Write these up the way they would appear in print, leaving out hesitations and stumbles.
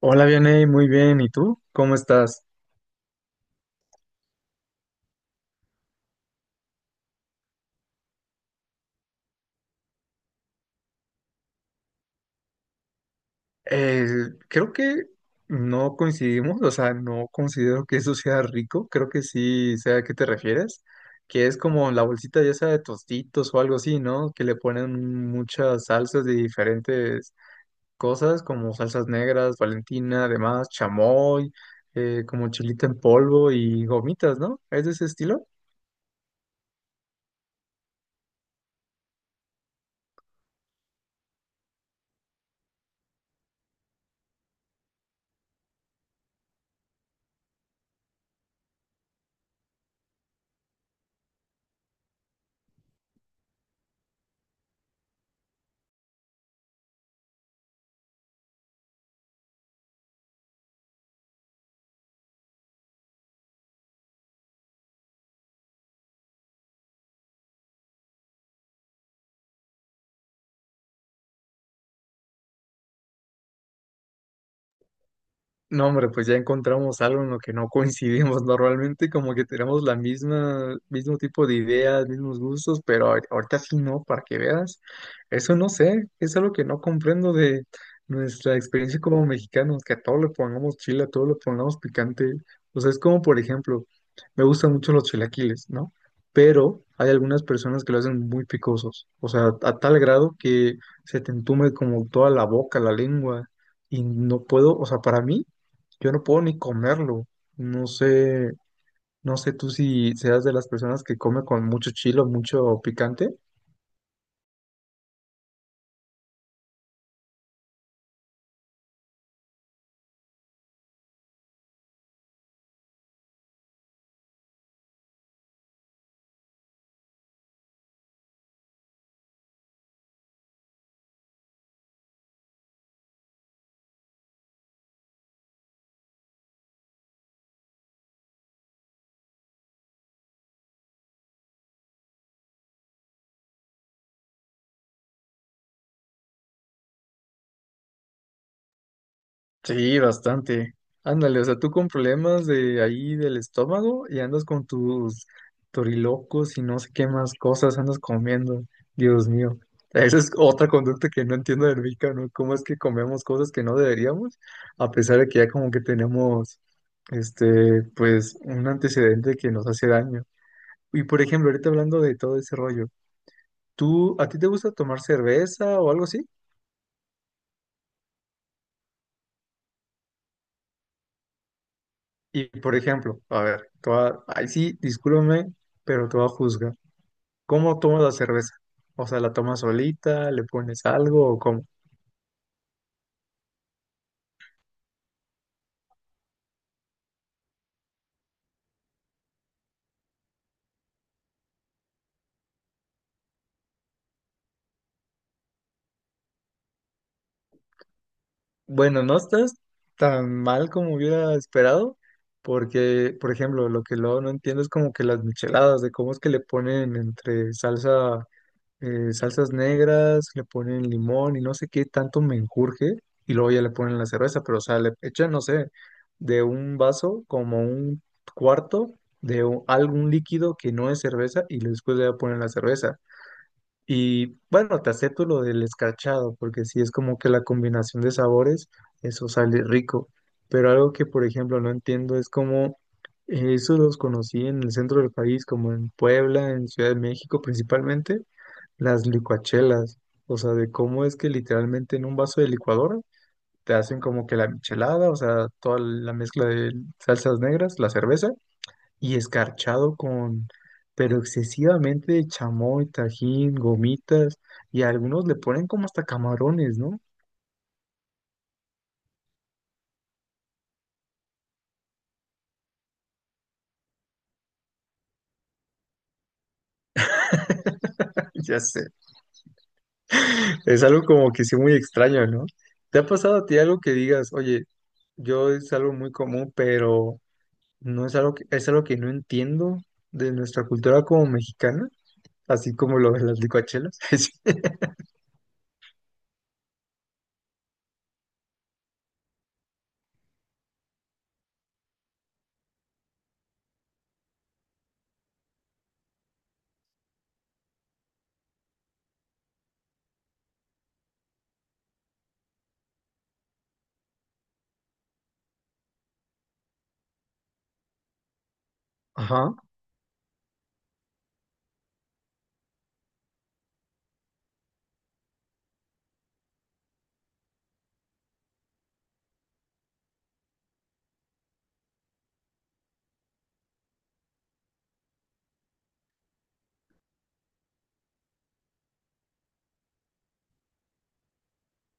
Hola, Vianey, muy bien. ¿Y tú? ¿Cómo estás? Eh, creo que no coincidimos. O sea, no considero que eso sea rico. Creo que sí sé a qué te refieres, que es como la bolsita ya sea de tostitos o algo así, ¿no? Que le ponen muchas salsas de diferentes cosas, como salsas negras, Valentina, además, chamoy, como chilito en polvo y gomitas, ¿no? ¿Es de ese estilo? No, hombre, pues ya encontramos algo en lo que no coincidimos normalmente, como que tenemos mismo tipo de ideas, mismos gustos, pero ahorita sí no, para que veas. Eso no sé, es algo que no comprendo de nuestra experiencia como mexicanos, que a todo le pongamos chile, a todo le pongamos picante. O sea, es como, por ejemplo, me gustan mucho los chilaquiles, ¿no? Pero hay algunas personas que lo hacen muy picosos, o sea, a tal grado que se te entume como toda la boca, la lengua, y no puedo, o sea, para mí. Yo no puedo ni comerlo. No sé, tú si seas de las personas que come con mucho chilo, mucho picante. Sí, bastante. Ándale, o sea, tú con problemas de ahí del estómago y andas con tus torilocos y no sé qué más cosas andas comiendo. Dios mío. Esa es otra conducta que no entiendo del mexicano. ¿Cómo es que comemos cosas que no deberíamos? A pesar de que ya como que tenemos, este, pues, un antecedente que nos hace daño. Y por ejemplo, ahorita hablando de todo ese rollo, ¿tú, a ti te gusta tomar cerveza o algo así? Y por ejemplo, a ver, ay sí, discúlpame, pero te voy a juzgar. ¿Cómo tomas la cerveza? O sea, ¿la tomas solita? ¿Le pones algo o cómo? Bueno, no estás tan mal como hubiera esperado, porque, por ejemplo, lo que luego no entiendo es como que las micheladas, de cómo es que le ponen entre salsa, salsas negras, le ponen limón y no sé qué tanto me menjurje, y luego ya le ponen la cerveza, pero o sea, le echan, no sé, de un vaso como un cuarto algún líquido que no es cerveza y después ya ponen la cerveza. Y bueno, te acepto lo del escarchado, porque sí es como que la combinación de sabores, eso sale rico. Pero algo que, por ejemplo, no entiendo es cómo, eso los conocí en el centro del país, como en Puebla, en Ciudad de México, principalmente las licuachelas, o sea, de cómo es que literalmente en un vaso de licuadora te hacen como que la michelada, o sea, toda la mezcla de salsas negras, la cerveza, y escarchado con, pero excesivamente chamoy, tajín, gomitas, y a algunos le ponen como hasta camarones, ¿no? Ya sé, es algo como que sí muy extraño, ¿no? ¿Te ha pasado a ti algo que digas, oye, yo es algo muy común, pero no es algo que, es algo que no entiendo de nuestra cultura como mexicana? Así como lo de las licuachelas. Ajá.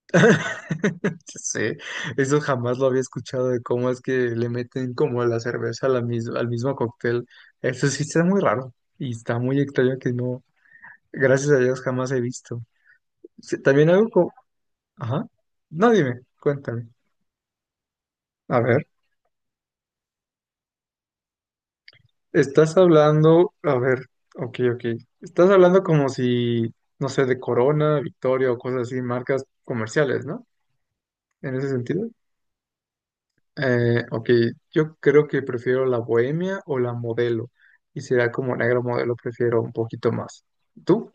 Sí, eso jamás lo había escuchado de cómo es que le meten como la cerveza a al mismo cóctel. Eso sí está muy raro y está muy extraño que no, gracias a Dios jamás he visto. Sí, también algo como, ajá, no, dime, cuéntame. A ver, estás hablando, a ver, ok, ok, estás hablando como si, no sé, de Corona, Victoria o cosas así, marcas comerciales, ¿no? En ese sentido. Ok, yo creo que prefiero la bohemia o la modelo. Y será como negro modelo, prefiero un poquito más. ¿Tú?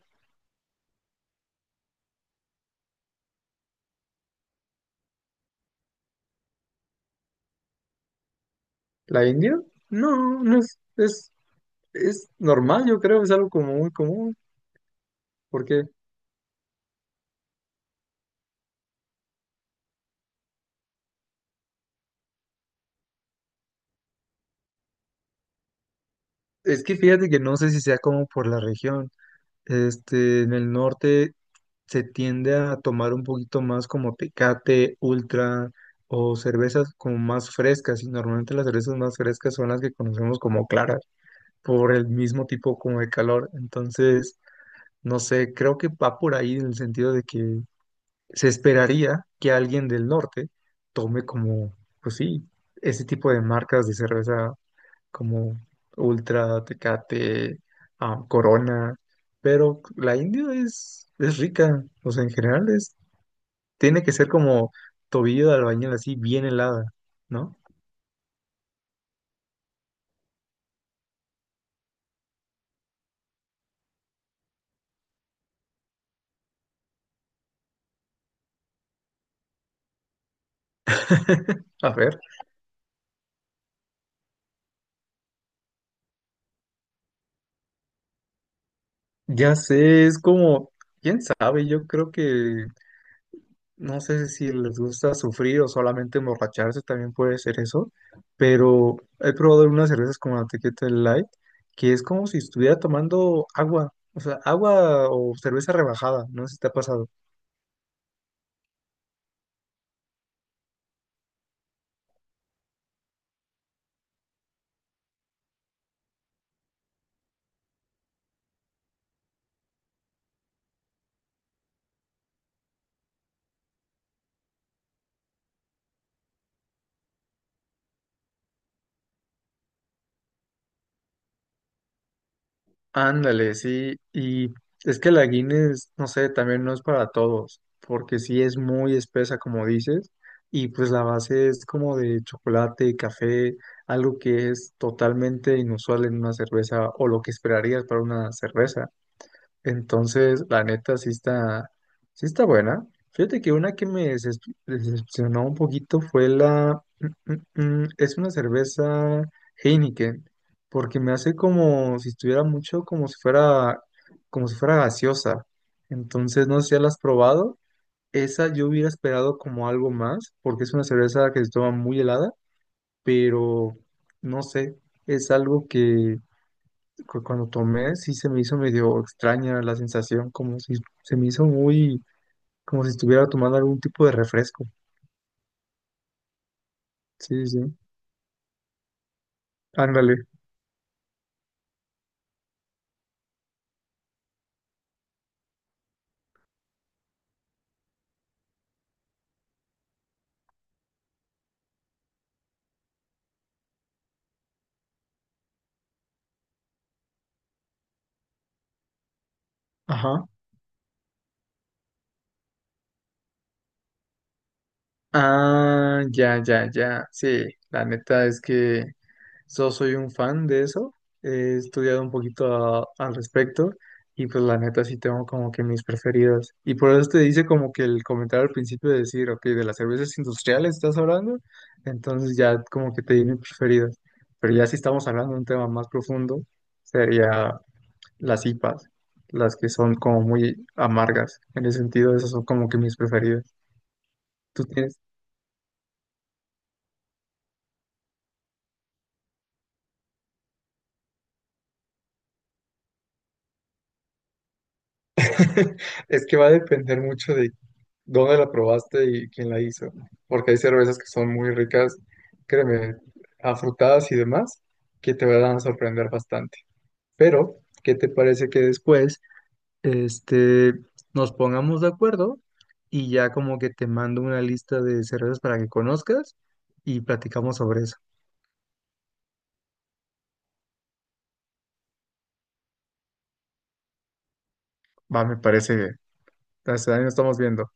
¿La india? No, no es, es normal, yo creo, es algo como muy común. Porque es que fíjate que no sé si sea como por la región. Este, en el norte se tiende a tomar un poquito más como Tecate, Ultra o cervezas como más frescas. Y normalmente las cervezas más frescas son las que conocemos como claras, por el mismo tipo como de calor. Entonces, no sé, creo que va por ahí en el sentido de que se esperaría que alguien del norte tome como, pues sí, ese tipo de marcas de cerveza como Ultra, Tecate, ah, Corona, pero la India es rica, o sea, en general es, tiene que ser como tobillo de albañil así bien helada, ¿no? A ver, ya sé, es como, quién sabe, yo creo que no sé si les gusta sufrir o solamente emborracharse, también puede ser eso, pero he probado unas cervezas como la Tequila Light, que es como si estuviera tomando agua, o sea, agua o cerveza rebajada, no sé si te ha pasado. Ándale, sí, y es que la Guinness, no sé, también no es para todos, porque sí es muy espesa, como dices, y pues la base es como de chocolate, café, algo que es totalmente inusual en una cerveza o lo que esperarías para una cerveza. Entonces, la neta sí está buena. Fíjate que una que decepcionó un poquito fue la... mm, es una cerveza Heineken, porque me hace como si estuviera mucho, como si fuera gaseosa. Entonces, no sé si ya la has probado. Esa yo hubiera esperado como algo más, porque es una cerveza que se toma muy helada, pero no sé, es algo que cuando tomé sí se me hizo medio extraña la sensación, como si se me hizo muy, como si estuviera tomando algún tipo de refresco. Sí, sí, sí. Ándale. Ajá. Ah, ya, ya, ya. Sí, la neta es que soy un fan de eso, he estudiado un poquito al respecto y pues la neta sí tengo como que mis preferidas. Y por eso te dice como que el comentario al principio de decir, ok, de las cervezas industriales estás hablando, entonces ya como que te di mis preferidas. Pero ya si estamos hablando de un tema más profundo, sería las IPAs, las que son como muy amargas. En ese sentido, esas son como que mis preferidas. ¿Tú tienes? Es que va a depender mucho de dónde la probaste y quién la hizo, porque hay cervezas que son muy ricas, créeme, afrutadas y demás, que te van a sorprender bastante. Pero, ¿qué te parece que después, este, nos pongamos de acuerdo y ya como que te mando una lista de cervezas para que conozcas y platicamos sobre eso? Va, me parece bien. Entonces, ahí nos estamos viendo.